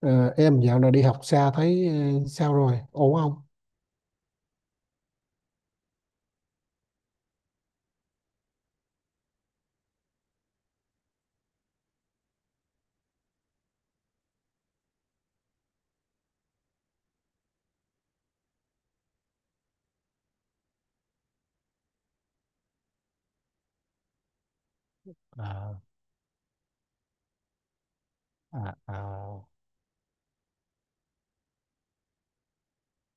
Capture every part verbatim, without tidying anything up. Ờ, em dạo này đi học xa thấy ờ, sao rồi, ổn không? à, à, à,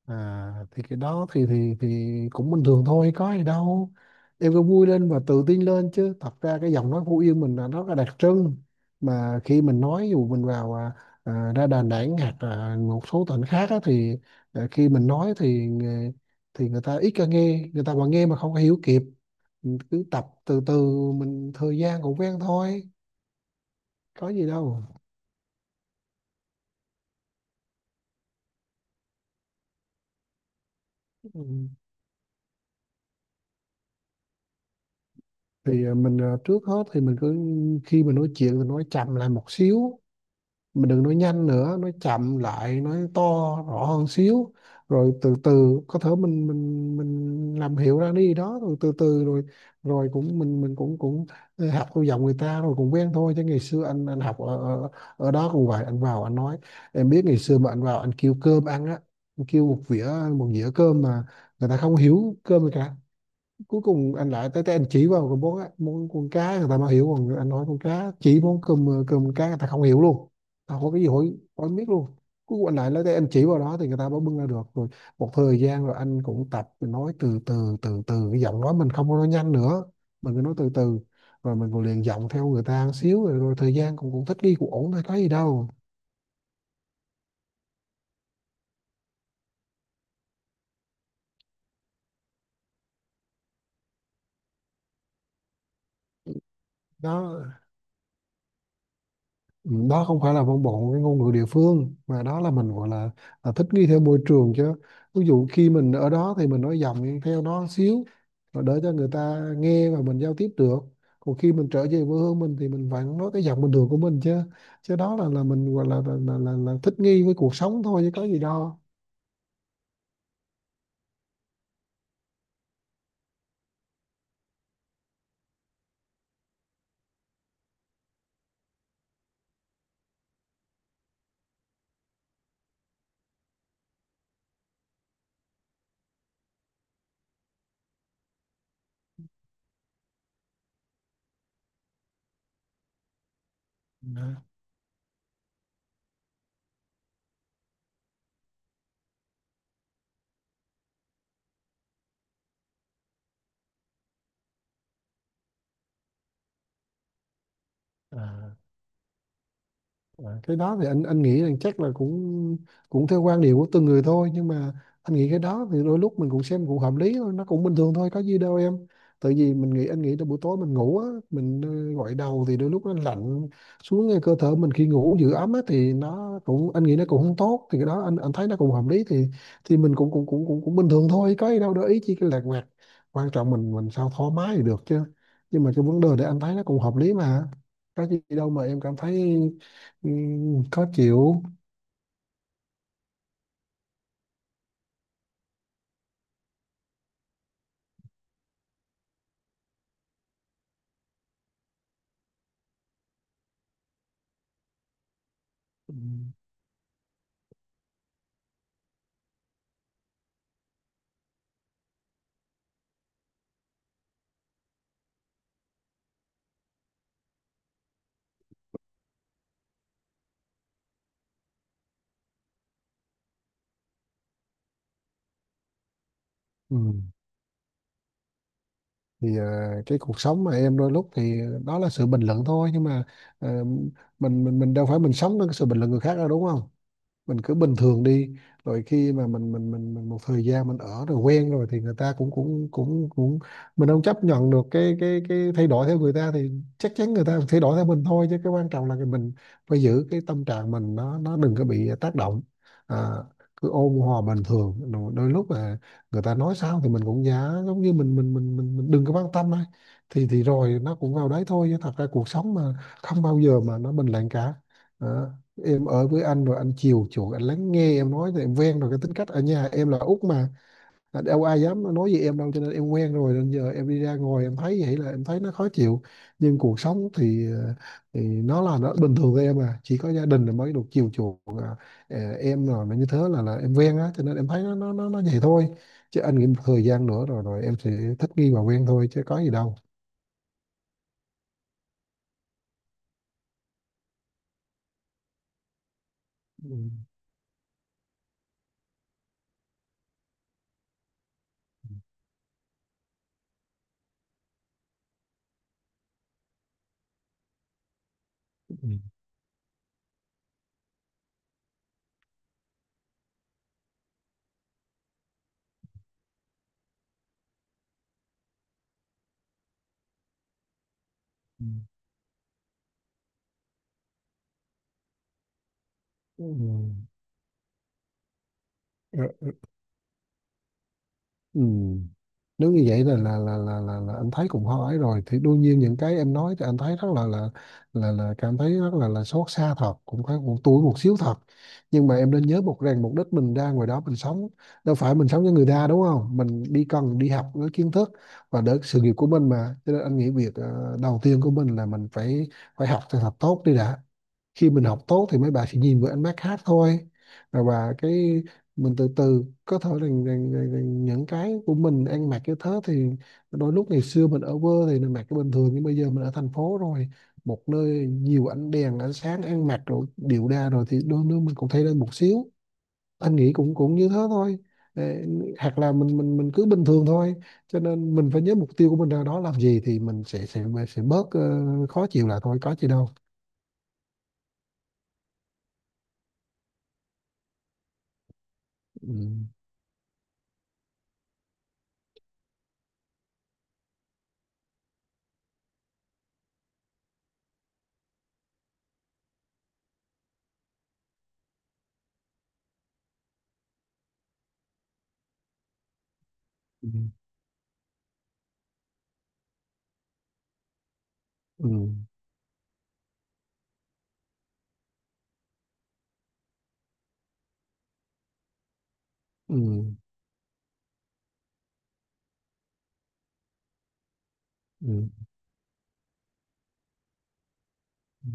à thì cái đó thì thì thì cũng bình thường thôi, có gì đâu. Em cứ vui lên và tự tin lên, chứ thật ra cái giọng nói Phú Yên mình là nó là đặc trưng, mà khi mình nói dù mình vào à, à, ra Đà Nẵng hoặc là một số tỉnh khác á, thì à, khi mình nói thì người- thì người ta ít có nghe, người ta mà nghe mà không có hiểu kịp. Mình cứ tập từ từ, mình thời gian cũng quen thôi, có gì đâu. Ừ, thì ờ, mình ờ, trước hết thì mình cứ khi mình nói chuyện thì nói chậm lại một xíu, mình đừng nói nhanh nữa, nói chậm lại, nói to rõ hơn xíu, rồi từ từ có thể mình mình mình làm hiểu ra đi đó, rồi từ từ rồi rồi cũng mình mình cũng cũng ờ, học theo giọng người ta rồi cũng quen thôi. Chứ ngày xưa anh anh học ở, ở, ở đó cũng vậy, anh vào anh nói, em biết ngày xưa mà anh vào anh kêu cơm ăn á, anh kêu một vỉa một dĩa cơm mà người ta không hiểu cơm gì cả. Cuối cùng anh lại tới tới anh chỉ vào cái món á- món con cá người ta mới hiểu, còn anh nói con cá chỉ món cơm, ờ, cơm cá người ta không hiểu luôn, ta không có cái gì hỏi, hỏi biết luôn. Cuối cùng anh lại tới tới anh chỉ vào đó thì người ta mới bưng ra được. Rồi một thời gian rồi anh cũng tập nói từ từ, từ từ cái giọng nói mình không có nói nhanh nữa, mình cứ nói từ từ, rồi mình còn luyện giọng theo người ta một xíu, rồi, rồi thời gian cũng cũng thích nghi cũng ổn thôi, có gì đâu. Đó. Ừ, đó không phải là văn bản cái ngôn ngữ địa phương, mà đó là mình gọi là, là thích nghi theo môi trường chứ. Ví dụ khi mình ở đó thì mình nói giọng theo đó xíu rồi để cho người ta nghe và mình giao tiếp được, còn khi mình trở về quê hương mình thì mình vẫn nói cái giọng bình thường của mình chứ. Chứ đó là là mình gọi là là, là, là, là thích nghi với cuộc sống thôi, chứ có gì đâu. Đó. À, À, cái đó thì anh anh nghĩ rằng chắc là cũng cũng theo quan điểm của từng người thôi, nhưng mà anh nghĩ cái đó thì đôi lúc mình cũng xem cũng hợp lý thôi, nó cũng bình thường thôi, có gì đâu em. Tại vì mình nghĩ, anh nghĩ là buổi tối mình ngủ á, mình ờ, gội đầu thì đôi lúc nó lạnh xuống ngay cơ thể mình, khi ngủ giữ ấm á thì nó cũng, anh nghĩ nó cũng không tốt, thì cái đó anh anh thấy nó cũng hợp lý. thì thì mình cũng cũng cũng cũng, cũng bình thường thôi, có gì đâu để ý chi cái lạt vặt. Quan trọng mình mình sao thoải mái thì được chứ. Nhưng mà cái vấn đề để anh thấy nó cũng hợp lý mà, có gì đâu mà em cảm thấy Ừ, khó chịu. Ừ. Ừ, thì ờ, cái cuộc sống mà em đôi lúc thì đó là sự bình luận thôi, nhưng mà ờ, mình mình mình đâu phải mình sống với cái sự bình luận người khác đâu, đúng không? Mình cứ bình thường đi, rồi khi mà mình mình mình, mình một thời gian mình ở rồi quen rồi thì người ta cũng cũng cũng cũng mình không chấp nhận được cái cái cái thay đổi theo người ta, thì chắc chắn người ta thay đổi theo mình thôi. Chứ cái quan trọng là cái mình phải giữ cái tâm trạng mình, nó nó đừng có bị tác động. à, Cứ ôn hòa bình thường, đôi, đôi lúc là người ta nói sao thì mình cũng giả giống như mình mình mình mình, mình đừng có quan tâm thôi, thì thì rồi nó cũng vào đấy thôi. Chứ thật ra cuộc sống mà, không bao giờ mà nó bình lặng cả. Em ở với anh rồi anh chiều chuộng, anh lắng nghe em nói thì em quen rồi, cái tính cách ở nhà em là út mà, à, đâu ai dám nói gì em đâu, cho nên em quen rồi, nên giờ em đi ra ngoài em thấy vậy là em thấy nó khó chịu. Nhưng cuộc sống thì, ờ, thì nó là nó bình thường với em à, chỉ có gia đình là mới được chiều chuộng à, ờ, em, rồi mà như thế là là em quen á, cho nên em thấy nó nó nó, nó vậy thôi, chứ anh nghĩ một thời gian nữa rồi rồi em sẽ thích nghi và quen thôi, chứ có gì đâu. Ừ. Ừ. Ừ. Ừ. Ừ, nếu như vậy là là là là là, là anh thấy cũng hơi ấy rồi, thì đương nhiên những cái em nói thì anh thấy rất là là là, là cảm thấy rất là là xót xa thật, cũng thấy cũng tủi một xíu thật. Nhưng mà em nên nhớ một rằng mục đích mình ra ngoài đó mình sống đâu phải mình sống cho người ta, đúng không? Mình đi cần đi học với kiến thức và để sự nghiệp của mình mà, cho nên anh nghĩ việc ờ, đầu tiên của mình là mình phải phải học thật thật tốt đi đã. Khi mình học tốt thì mấy bà sẽ nhìn với ánh mắt khác thôi. và, và cái mình từ từ có thể là, là, là, là những cái của mình ăn mặc cái thế thì đôi lúc ngày xưa mình ở quê thì mình mặc cái bình thường, nhưng bây giờ mình ở thành phố rồi, một nơi nhiều ánh đèn ánh sáng, ăn mặc rồi điệu đà rồi thì đôi lúc mình cũng thay lên một xíu. Anh nghĩ cũng cũng như thế thôi. Ê, hoặc là mình mình mình cứ bình thường thôi, cho nên mình phải nhớ mục tiêu của mình ra đó làm gì thì mình sẽ sẽ sẽ bớt ờ, khó chịu lại thôi, có gì đâu. Ừ. Ừ. Ừ. Ừ. Ừ. Ừ,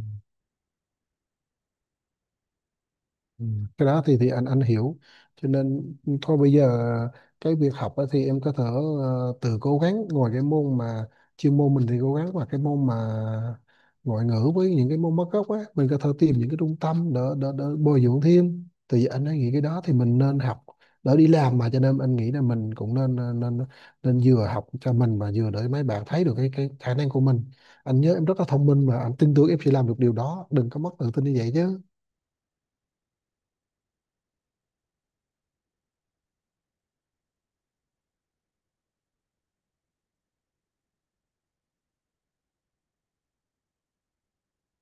Ừ, cái đó thì thì anh anh hiểu. Cho nên thôi bây giờ cái việc học á thì em có thể ờ, tự cố gắng, ngoài cái môn mà chuyên môn mình thì cố gắng, và cái môn mà ngoại ngữ với những cái môn mất gốc á, mình có thể tìm những cái trung tâm để, để, để bồi dưỡng thêm, thì anh ấy nghĩ cái đó thì mình nên học đỡ đi làm mà, cho nên anh nghĩ là mình cũng nên nên nên nên vừa học cho mình và vừa để mấy bạn thấy được cái cái khả năng của mình. Anh nhớ em rất là thông minh mà, anh tin tưởng em sẽ làm được điều đó, đừng có mất tự tin như vậy chứ.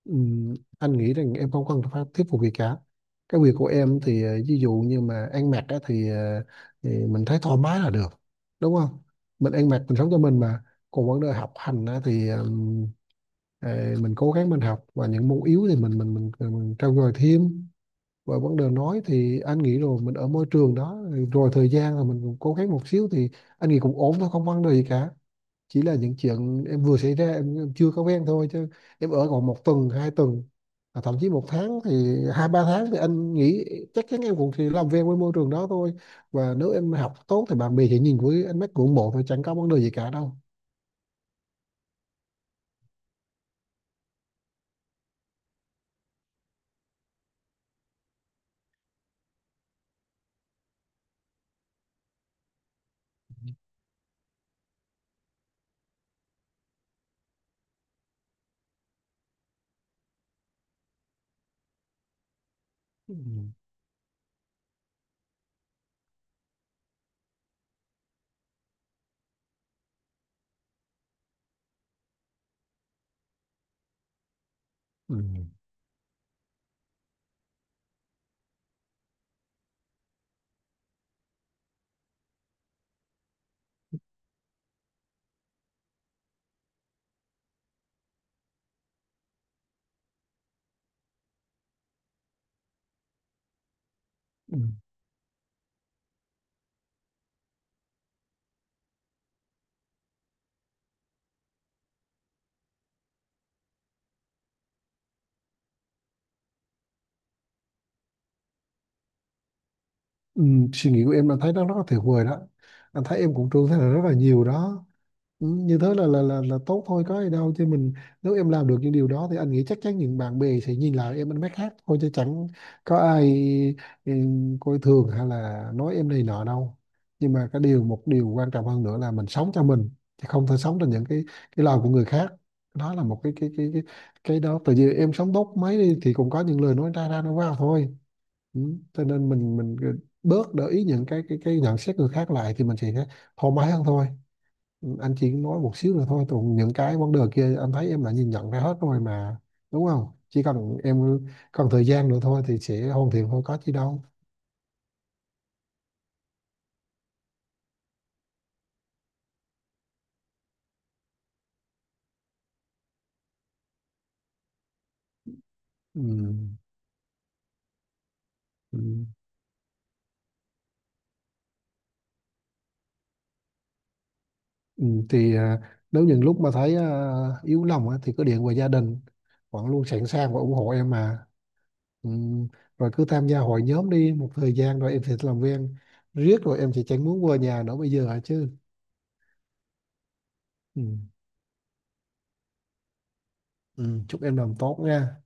Ừm, anh nghĩ rằng em không cần phải thuyết phục gì cả. Cái việc của em thì ờ, ví dụ như mà ăn mặc á, thì, ờ, thì mình thấy thoải mái là được, đúng không? Mình ăn mặc mình sống cho mình mà. Còn vấn đề học hành á, thì ừm, ờ, mình cố gắng mình học, và những môn yếu thì mình mình mình, mình trau dồi thêm. Và vấn đề nói thì anh nghĩ rồi mình ở môi trường đó rồi, thời gian là mình cũng cố gắng một xíu thì anh nghĩ cũng ổn thôi, không vấn đề gì cả. Chỉ là những chuyện em vừa xảy ra em, em chưa có quen thôi. Chứ em ở còn một tuần hai tuần, à, thậm chí một tháng thì hai ba tháng thì anh nghĩ chắc chắn em cũng thì làm quen với môi trường đó thôi. Và nếu em học tốt thì bạn bè sẽ nhìn với ánh mắt ngưỡng mộ thôi, chẳng có vấn đề gì cả đâu. Ừ. Ừ. Ừ. Ừ. Suy nghĩ của em anh thấy nó rất là tuyệt vời đó, anh thấy em cũng trưởng thành rất là nhiều đó. Ừ, như thế là là là là tốt thôi, có gì đâu chứ mình. Nếu em làm được những điều đó thì anh nghĩ chắc chắn những bạn bè sẽ nhìn lại em ánh mắt khác thôi, chứ chẳng có ai ừ, coi thường hay là nói em này nọ đâu. Nhưng mà cái điều một điều quan trọng hơn nữa là mình sống cho mình, chứ không thể sống cho những cái cái lời của người khác. Đó là một cái cái cái cái, cái đó tại vì em sống tốt mấy đi thì cũng có những lời nói ra ra nó vào thôi. Ừ. Cho nên mình mình ờ, bớt để ý những cái cái cái nhận xét người khác lại thì mình sẽ thoải mái hơn thôi. Anh chỉ nói một xíu nữa thôi, còn những cái vấn đề kia anh thấy em đã nhìn nhận ra hết rồi mà, đúng không? Chỉ cần em cần thời gian nữa thôi thì sẽ hoàn thiện thôi, có chi đâu. Ừ. Ừ. Ừ, thì à, nếu những lúc mà thấy à, yếu lòng á, thì cứ điện về, gia đình vẫn luôn sẵn sàng và ủng hộ em mà. Ừ. Rồi cứ tham gia hội nhóm đi, một thời gian rồi em sẽ làm quen riết rồi em sẽ chẳng muốn về nhà nữa bây giờ hả chứ. Ừ. Ừ. Chúc em làm tốt nha.